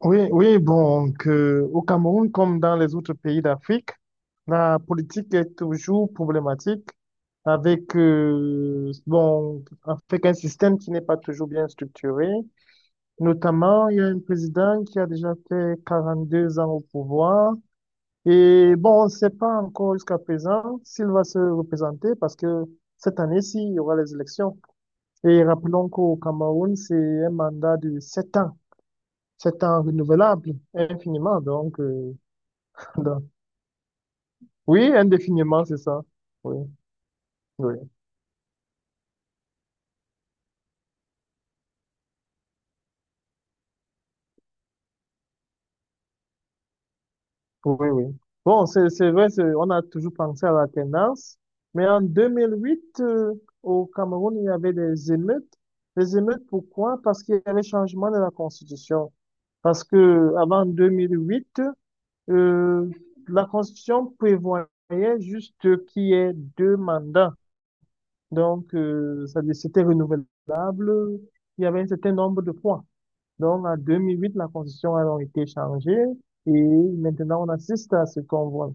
Oui, oui, donc, au Cameroun, comme dans les autres pays d'Afrique, la politique est toujours problématique avec bon, avec un système qui n'est pas toujours bien structuré. Notamment, il y a un président qui a déjà fait 42 ans au pouvoir. Et bon, on ne sait pas encore jusqu'à présent s'il va se représenter parce que cette année-ci, il y aura les élections. Et rappelons qu'au Cameroun, c'est un mandat de 7 ans. C'est un renouvelable, infiniment, donc, donc, oui, indéfiniment, c'est ça. Oui, oui, oui, oui. Bon, c'est vrai, on a toujours pensé à la tendance, mais en 2008, au Cameroun, il y avait des émeutes. Les émeutes, pourquoi? Parce qu'il y avait changement de la Constitution. Parce que avant 2008, euh, la Constitution prévoyait juste qu'il y ait 2 mandats. Donc, c'était renouvelable. Il y avait un certain nombre de points. Donc, en 2008, la constitution a donc été changée et maintenant, on assiste à ce qu'on voit.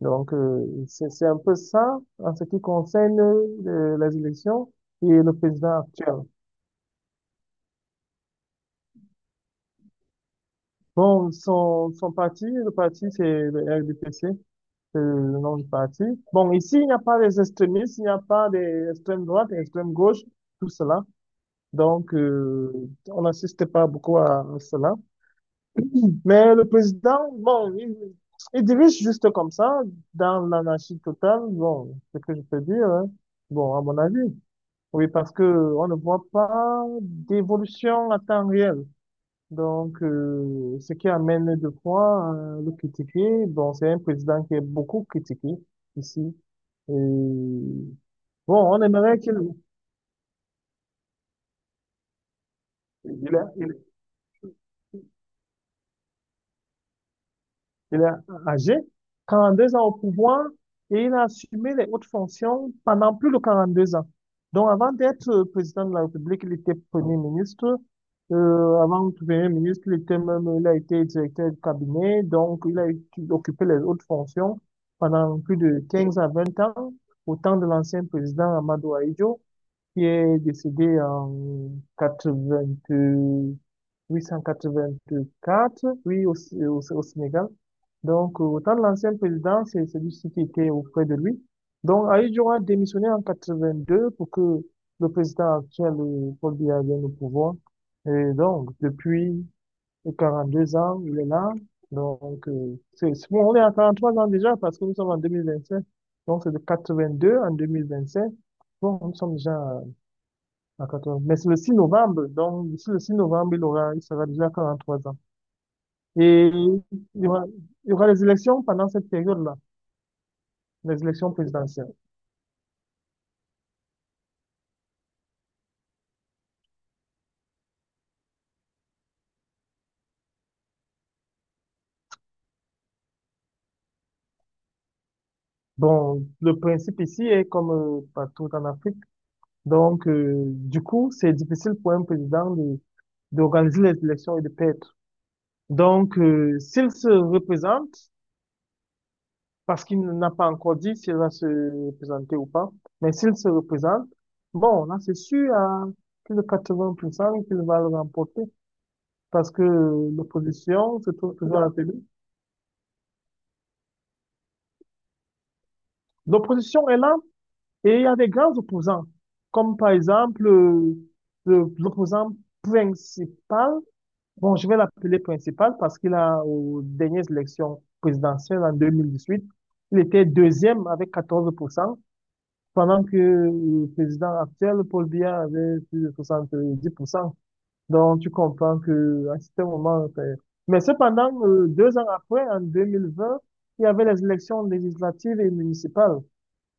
Donc, c'est un peu ça en ce qui concerne les élections et le président actuel. Bon, son parti, le parti, c'est le RDPC, c'est le nom du parti. Bon, ici, il n'y a pas des extrémistes, il n'y a pas des extrêmes droites, des extrêmes gauches, tout cela. Donc, on n'assiste pas beaucoup à cela. Mais le président, bon, il dirige juste comme ça, dans l'anarchie totale. Bon, c'est ce que je peux dire, hein. Bon, à mon avis. Oui, parce que on ne voit pas d'évolution à temps réel. Donc, ce qui amène de fois à le critiquer. Bon, c'est un président qui est beaucoup critiqué ici. Et bon, on aimerait qu'il. Il est âgé, 42 ans au pouvoir, et il a assumé les hautes fonctions pendant plus de 42 ans. Donc, avant d'être président de la République, il était premier ministre. Avant de devenir ministre, il était même, il a été directeur du cabinet. Donc, occupé les hautes fonctions pendant plus de 15 à 20 ans, au temps de l'ancien président Amadou Ahidjo qui est décédé en 80, 884, oui, au Sénégal. Donc, de l'ancien président, c'est celui-ci qui était auprès de lui. Donc, Aïe Joa a démissionné en 82 pour que le président actuel, Paul Biya, vienne au pouvoir. Et donc, depuis 42 ans, il est là. Donc, bon, on est à 43 ans déjà parce que nous sommes en 2025. Donc, c'est de 82 en 2025. Bon, nous sommes déjà à 14. Mais c'est le 6 novembre, donc d'ici le 6 novembre, il sera déjà à 43 ans. Et y aura, il y aura les élections pendant cette période-là, les élections présidentielles. Bon, le principe ici est comme partout en Afrique. Donc, du coup, c'est difficile pour un président d'organiser les élections et de perdre. Donc, s'il se représente, parce qu'il n'a pas encore dit s'il va se représenter ou pas. Mais s'il se représente, bon, là, c'est sûr, à plus de 80% qu'il va le remporter parce que l'opposition se trouve toujours à la télé. L'opposition est là et il y a des grands opposants, comme par exemple, l'opposant principal. Bon, je vais l'appeler principal parce qu'il a, aux dernières élections présidentielles en 2018, il était deuxième avec 14%. Pendant que le président actuel, Paul Biya, avait plus de 70%. Donc, tu comprends que à ce moment, mais cependant, 2 ans après, en 2020, il y avait les élections législatives et municipales.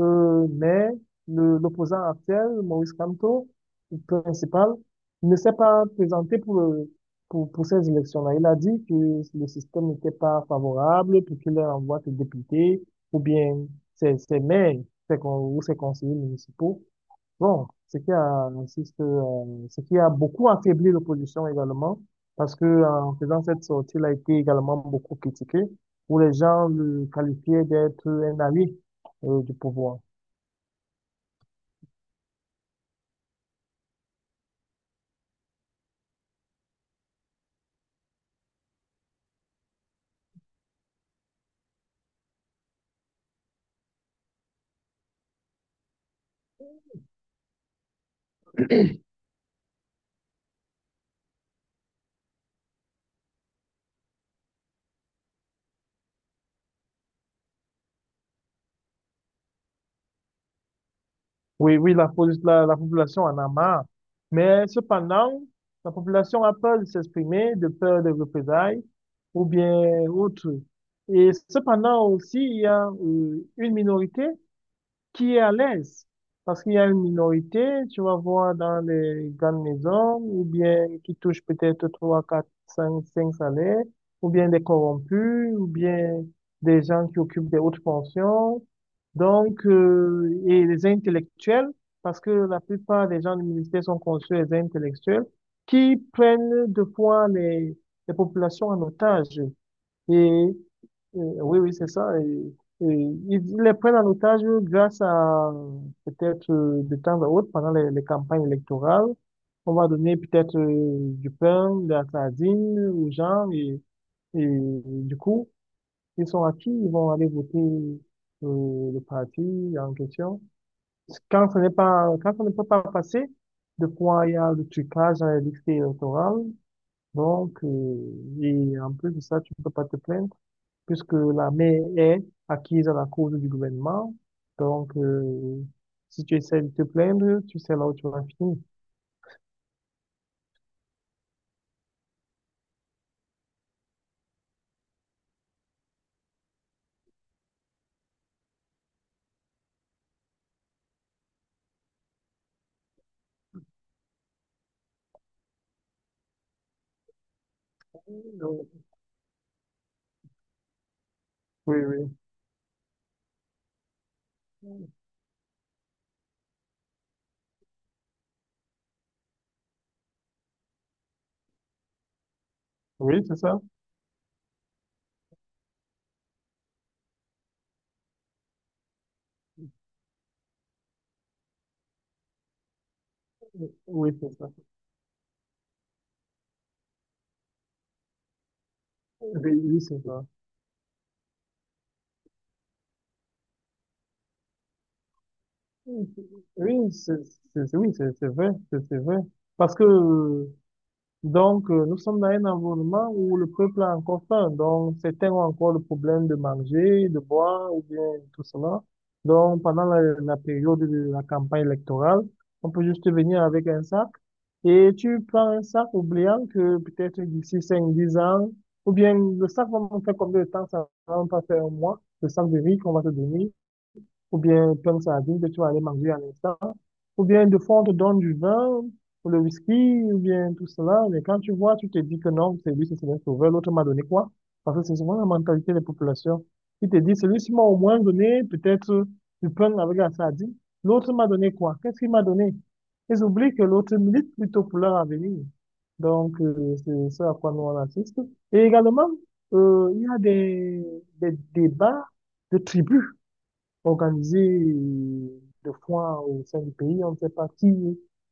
Mais l'opposant actuel, Maurice Kamto, le principal, ne s'est pas présenté pour ces élections-là. Il a dit que le système n'était pas favorable pour qu'il envoie ses députés ou bien ses maires, ou ses conseillers municipaux. Bon, ce qui a beaucoup affaibli l'opposition également, parce que en faisant cette sortie, il a été également beaucoup critiqué, où les gens le qualifiaient d'être un allié du pouvoir. Oui, oui, la population en a marre. Mais cependant, la population a peur de s'exprimer, de peur de représailles ou bien autre. Et cependant aussi, il y a une minorité qui est à l'aise. Parce qu'il y a une minorité, tu vas voir dans les grandes maisons, ou bien qui touche peut-être 3 4 cinq salaires, ou bien des corrompus, ou bien des gens qui occupent des hautes fonctions. Donc, et les intellectuels, parce que la plupart des gens du ministère sont conçus des intellectuels, qui prennent de fois les populations en otage. Et oui, oui, c'est ça. Et ils les prennent en otage grâce à peut-être, de temps à autre, pendant les campagnes électorales. On va donner peut-être, du pain, de la sardine aux gens. Et du coup, ils sont acquis, ils vont aller voter, le parti en question. Quand ce n'est pas, quand ça ne peut pas passer, de quoi il y a le trucage dans les listes électorales. Donc, et en plus de ça, tu ne peux pas te plaindre puisque la mer est acquise à la cause du gouvernement. Donc, si tu essaies de te plaindre, tu sais là où tu vas finir. Donc, Oui, oui. Oui, c'est ça. Oui, c'est ça. Oui, oui, c'est ça. Oui, oui, c'est vrai, c'est vrai. Parce que, Donc, nous sommes dans un environnement où le peuple a encore faim. Donc, certains ont encore le problème de manger, de boire, ou bien tout cela. Donc, pendant la période de la campagne électorale, on peut juste venir avec un sac. Et tu prends un sac, oubliant que peut-être d'ici cinq dix ans, ou bien le sac va me faire combien de temps, ça va même pas faire un mois, le sac de riz qu'on va te donner, ou bien plein de sardines que tu vas aller manger à l'instant. Ou bien de fond, on te donne du vin, ou le whisky, ou bien tout cela. Mais quand tu vois, tu te dis que non, c'est lui, c'est Seigneur Sauveur, l'autre m'a donné quoi? Parce que c'est souvent la mentalité des populations. Il te dit, celui-ci m'a au moins donné peut-être du pain avec la sardine. L'autre m'a donné quoi? Qu'est-ce qu'il m'a donné? Ils oublient que l'autre milite plutôt pour leur avenir. Donc, c'est ça à quoi nous on assiste. Et également, il y a des débats de tribus organiser de des foires au sein du pays. On ne sait pas qui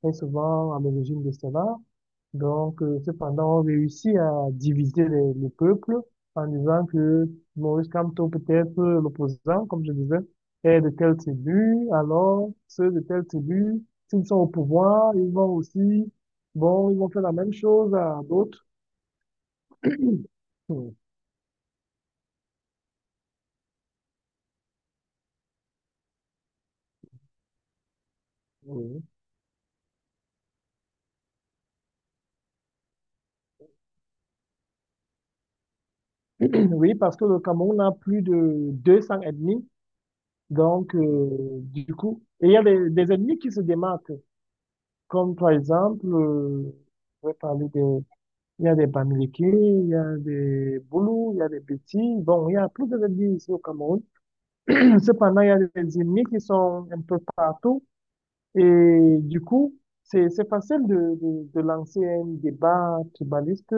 est souvent à l'origine de cela. Donc, cependant, on réussit à diviser le peuple en disant que Maurice Kamto, peut-être, l'opposant, comme je disais, est de telle tribu, alors ceux de telle tribu, s'ils sont au pouvoir, ils vont aussi, bon, ils vont faire la même chose à d'autres. Oui, oui, parce que le Cameroun a plus de 200 ethnies. Donc, du coup, et il y a des ennemis qui se démarquent, comme par exemple, je vais parler des, il y a des Bamileke, il y a des Boulous, il y a des Bétis, bon, il y a plus d'ennemis ici au Cameroun. Cependant, il y a des ennemis qui sont un peu partout, et du coup, c'est facile de lancer un débat tribaliste,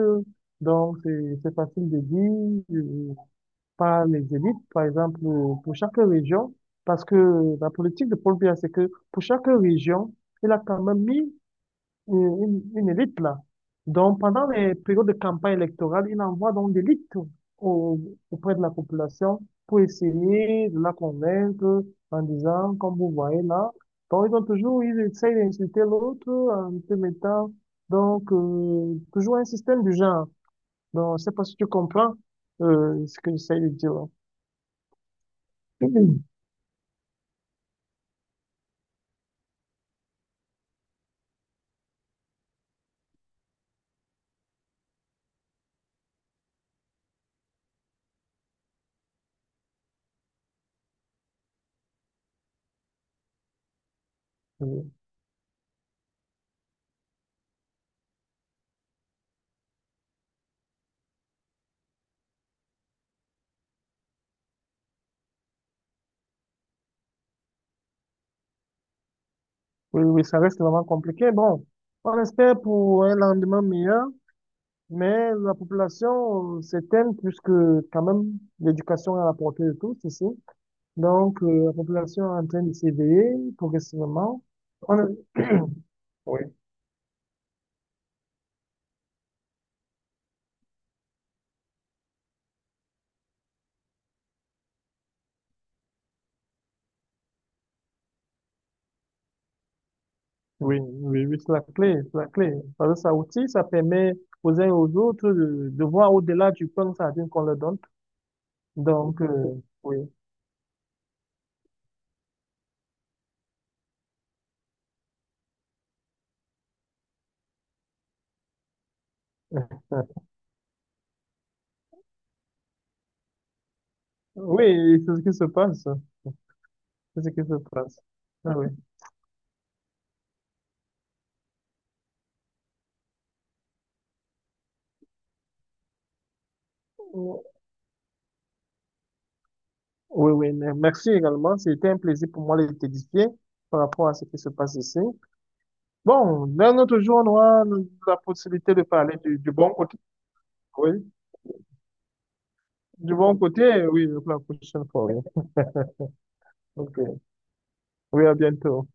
donc c'est facile de dire, par les élites, par exemple, pour chaque région, parce que la politique de Paul Biya, c'est que pour chaque région, il a quand même mis, une élite là. Donc, pendant les périodes de campagne électorale, il envoie donc des élites au- auprès de la population pour essayer de la convaincre en disant, comme vous voyez là, donc ils essayent d'insulter l'autre en te mettant, donc, toujours un système du genre. Donc, je sais pas si tu comprends ce que j'essaie de dire. Oui, oui, oui, ça reste vraiment compliqué. Bon, on espère pour un lendemain meilleur, mais la population, s'éteint puisque quand même l'éducation est à la portée de tous ici. Donc, la population est en train de s'éveiller progressivement. On est- Oui, oui, oui, oui, c'est la clé, c'est la clé. Parce que ça aussi, ça permet aux uns et aux autres de voir au-delà du pain sardine qu'on leur donne. Donc, oui, oui, c'est ce qui se passe. C'est ce qui se passe. Ah oui. Oui, oui, mais merci également. C'était un plaisir pour moi de t'édifier par rapport à ce qui se passe ici. Bon, d'un autre jour, on aura la possibilité de parler du bon côté. Oui, du bon côté, oui, la prochaine fois. Oui, ok. Oui, à bientôt.